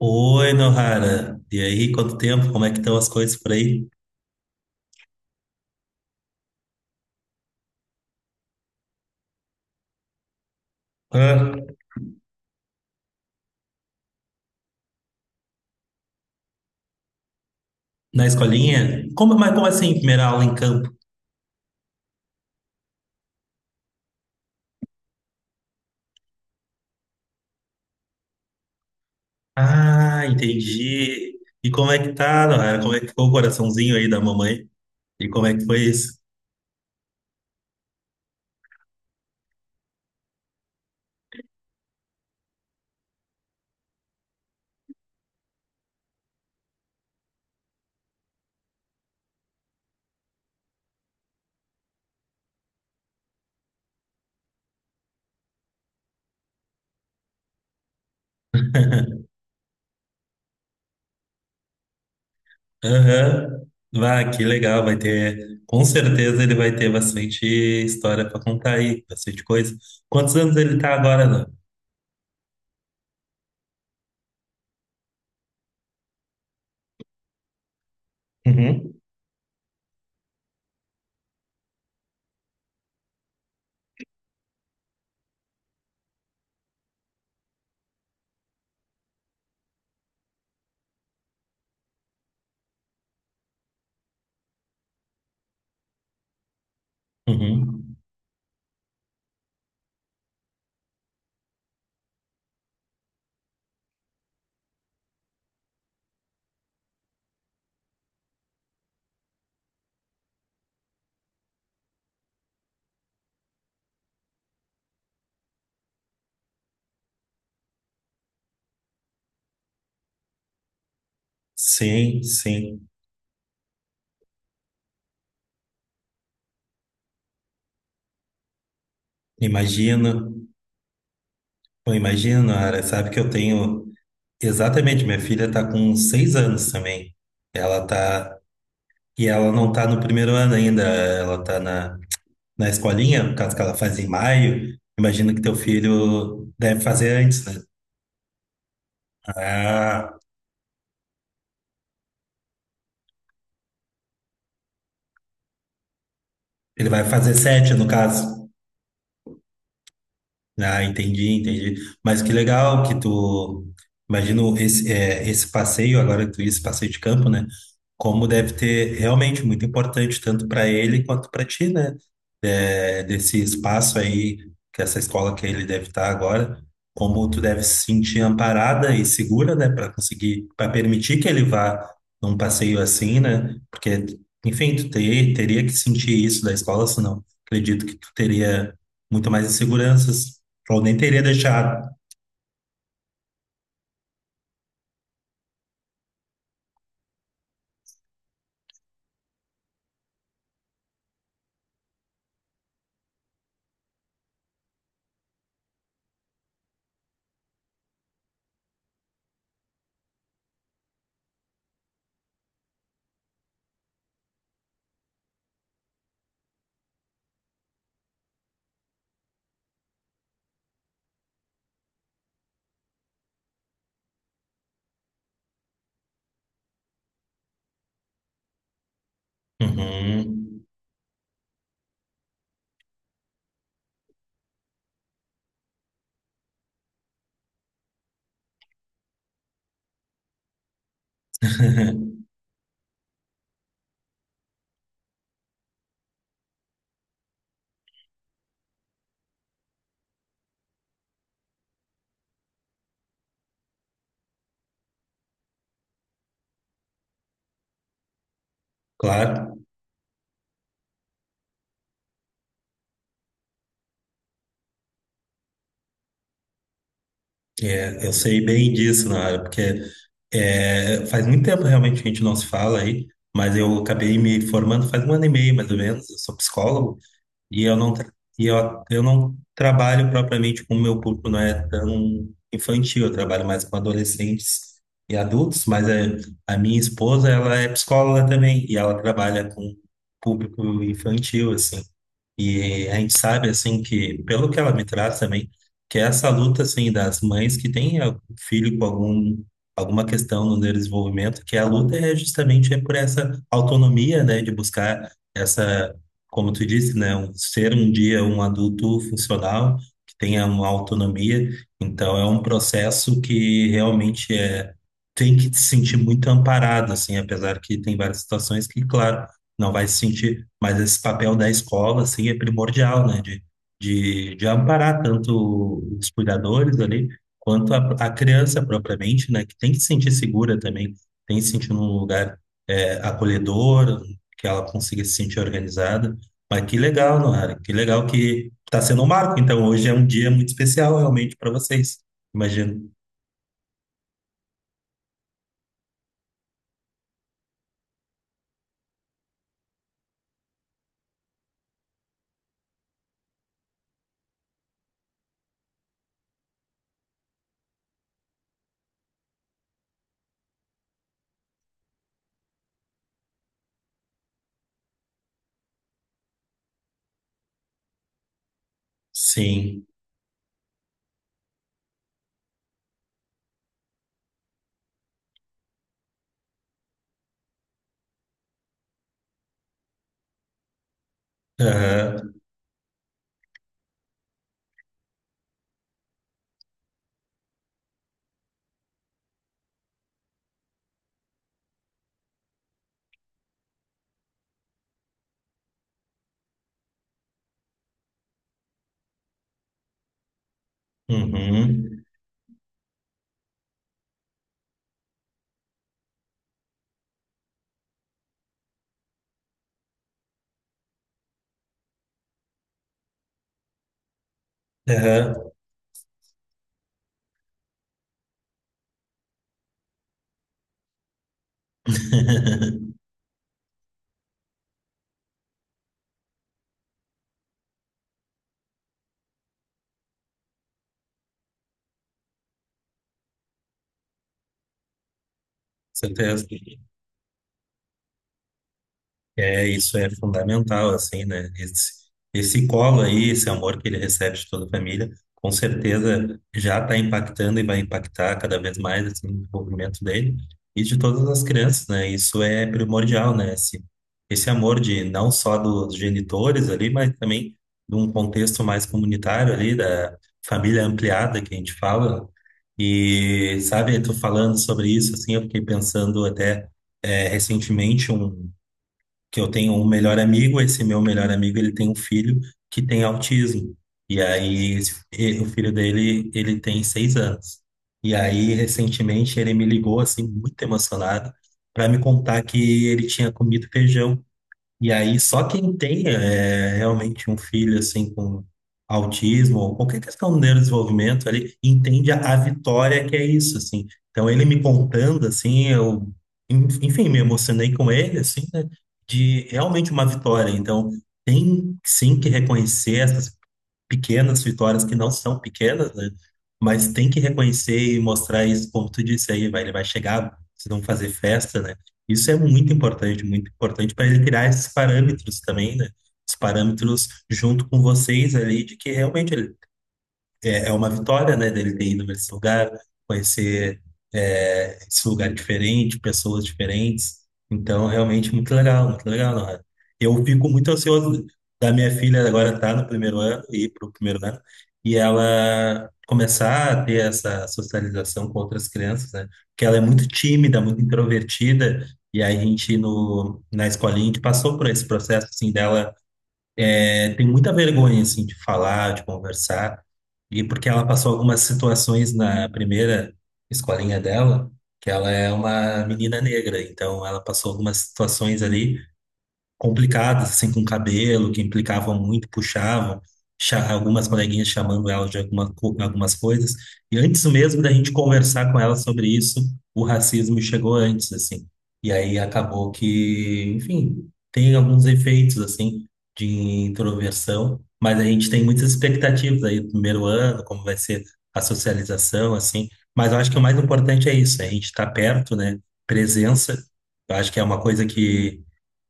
Oi, Nohara. E aí, quanto tempo? Como é que estão as coisas por aí? Hã? Na escolinha? Mas como assim, primeira aula em campo? Ah, entendi. E como é que tá, Nohara? Como é que ficou o coraçãozinho aí da mamãe? E como é que foi isso? Aham. Vá, que legal. Com certeza ele vai ter bastante história para contar aí, bastante coisa. Quantos anos ele tá agora, Nohara? Uhum. Uhum. Sim, sim. Imagino. Eu imagino, Ara, sabe que eu tenho. Exatamente, minha filha está com 6 anos também. Ela tá. E ela não está no primeiro ano ainda, ela está na escolinha, no caso que ela faz em maio. Imagino que teu filho deve fazer antes, né? Ah, ele vai fazer sete, no caso. Ah, entendi, entendi. Mas que legal que tu. Imagino esse, esse passeio, agora que tu disse passeio de campo, né? Como deve ter realmente muito importante, tanto para ele quanto para ti, né? É, desse espaço aí, que essa escola que ele deve estar agora, como tu deve se sentir amparada e segura, né? Para conseguir, para permitir que ele vá num passeio assim, né? Porque, enfim, tu ter, teria que sentir isso da escola, senão acredito que tu teria muito mais inseguranças eu nem teria deixado. Uhum. Claro, eu sei bem disso, Nara, porque faz muito tempo realmente que a gente não se fala aí, mas eu acabei me formando faz 1 ano e meio, mais ou menos. Eu sou psicólogo. E eu não, tra- e eu não trabalho propriamente com o meu público, não é tão infantil, eu trabalho mais com adolescentes e adultos, mas é, a minha esposa, ela é psicóloga também, e ela trabalha com público infantil, assim. E a gente sabe, assim, que, pelo que ela me traz também, que essa luta, assim, das mães que têm algum filho com algum, alguma questão no desenvolvimento, que a luta é justamente por essa autonomia, né, de buscar essa como tu disse, né, ser um dia um adulto funcional, que tenha uma autonomia. Então, é um processo que realmente é, tem que se sentir muito amparado, assim, apesar que tem várias situações que, claro, não vai se sentir, mas esse papel da escola, assim, é primordial, né, de amparar tanto os cuidadores ali, quanto a criança propriamente, né, que tem que se sentir segura também, tem que se sentir num lugar, acolhedor, que ela consiga se sentir organizada. Mas que legal, Noara. Que legal que está sendo um marco. Então, hoje é um dia muito especial realmente para vocês. Imagino. Sim. Aham. Uhum. Aham. Certeza. É, isso é fundamental, assim, né? Esse colo aí, esse amor que ele recebe de toda a família, com certeza já está impactando e vai impactar cada vez mais, assim, no desenvolvimento dele e de todas as crianças, né? Isso é primordial, né? Esse amor de não só dos genitores ali, mas também de um contexto mais comunitário ali, da família ampliada que a gente fala. E, sabe, tu falando sobre isso, assim, eu fiquei pensando até recentemente um que eu tenho um melhor amigo, esse meu melhor amigo, ele tem um filho que tem autismo. E aí, o filho dele, ele tem 6 anos. E aí, recentemente, ele me ligou, assim, muito emocionado, para me contar que ele tinha comido feijão e aí, só quem tem realmente um filho assim com autismo ou qualquer questão de neurodesenvolvimento, ele entende a vitória que é isso, assim. Então, ele me contando, assim, eu, enfim, me emocionei com ele, assim, né, de realmente uma vitória. Então, tem sim que reconhecer essas pequenas vitórias que não são pequenas, né? Mas tem que reconhecer e mostrar isso, como tu disse aí, vai, ele vai chegar, se não fazer festa, né? Isso é muito importante para ele criar esses parâmetros também, né? Os parâmetros junto com vocês ali de que realmente ele é uma vitória, né, dele ter ido para esse lugar, conhecer esse lugar diferente, pessoas diferentes. Então, realmente, muito legal, Nohara. Eu fico muito ansioso da minha filha agora estar no primeiro ano, ir para o primeiro ano, e ela começar a ter essa socialização com outras crianças, né? Porque ela é muito tímida, muito introvertida, e aí a gente, no, na escolinha, a gente passou por esse processo, assim, dela tem muita vergonha, assim, de falar, de conversar. E porque ela passou algumas situações na primeira escolinha dela, que ela é uma menina negra, então ela passou algumas situações ali complicadas, assim, com cabelo, que implicavam muito, puxavam, algumas coleguinhas chamando ela de alguma, algumas coisas. E antes mesmo da gente conversar com ela sobre isso, o racismo chegou antes, assim. E aí acabou que, enfim, tem alguns efeitos, assim, de introversão, mas a gente tem muitas expectativas aí do primeiro ano, como vai ser a socialização, assim. Mas eu acho que o mais importante é isso, é a gente estar perto, né? Presença. Eu acho que é uma coisa que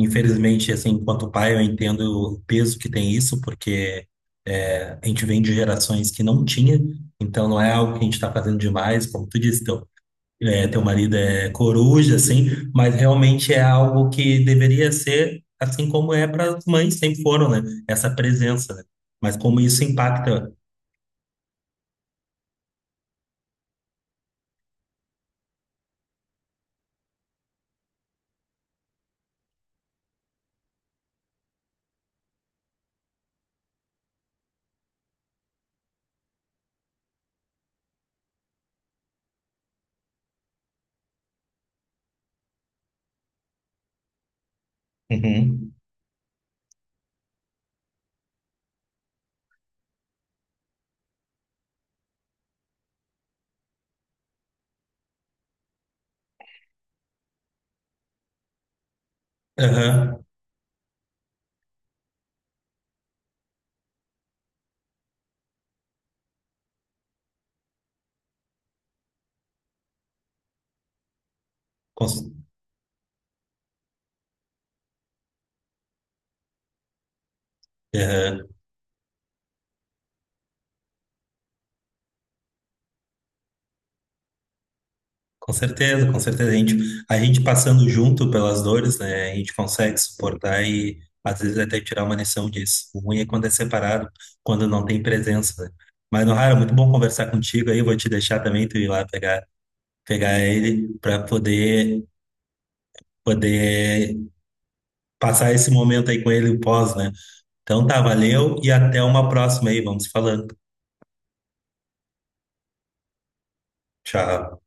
infelizmente, assim, enquanto pai, eu entendo o peso que tem isso, porque a gente vem de gerações que não tinha, então não é algo que a gente está fazendo demais, como tu disse, teu, teu marido é coruja, assim, mas realmente é algo que deveria ser, assim como é para as mães, sempre foram, né? Essa presença, né? Mas como isso impacta. Uhum. Aham. Cons- Aham. Com certeza, com certeza. A gente passando junto pelas dores, né? A gente consegue suportar e às vezes até tirar uma lição disso. O ruim é quando é separado, quando não tem presença, né? Mas, Nohara, muito bom conversar contigo aí. Vou te deixar também tu ir lá pegar, pegar ele para poder, poder passar esse momento aí com ele o pós, né? Então tá, valeu e até uma próxima aí. Vamos falando. Tchau.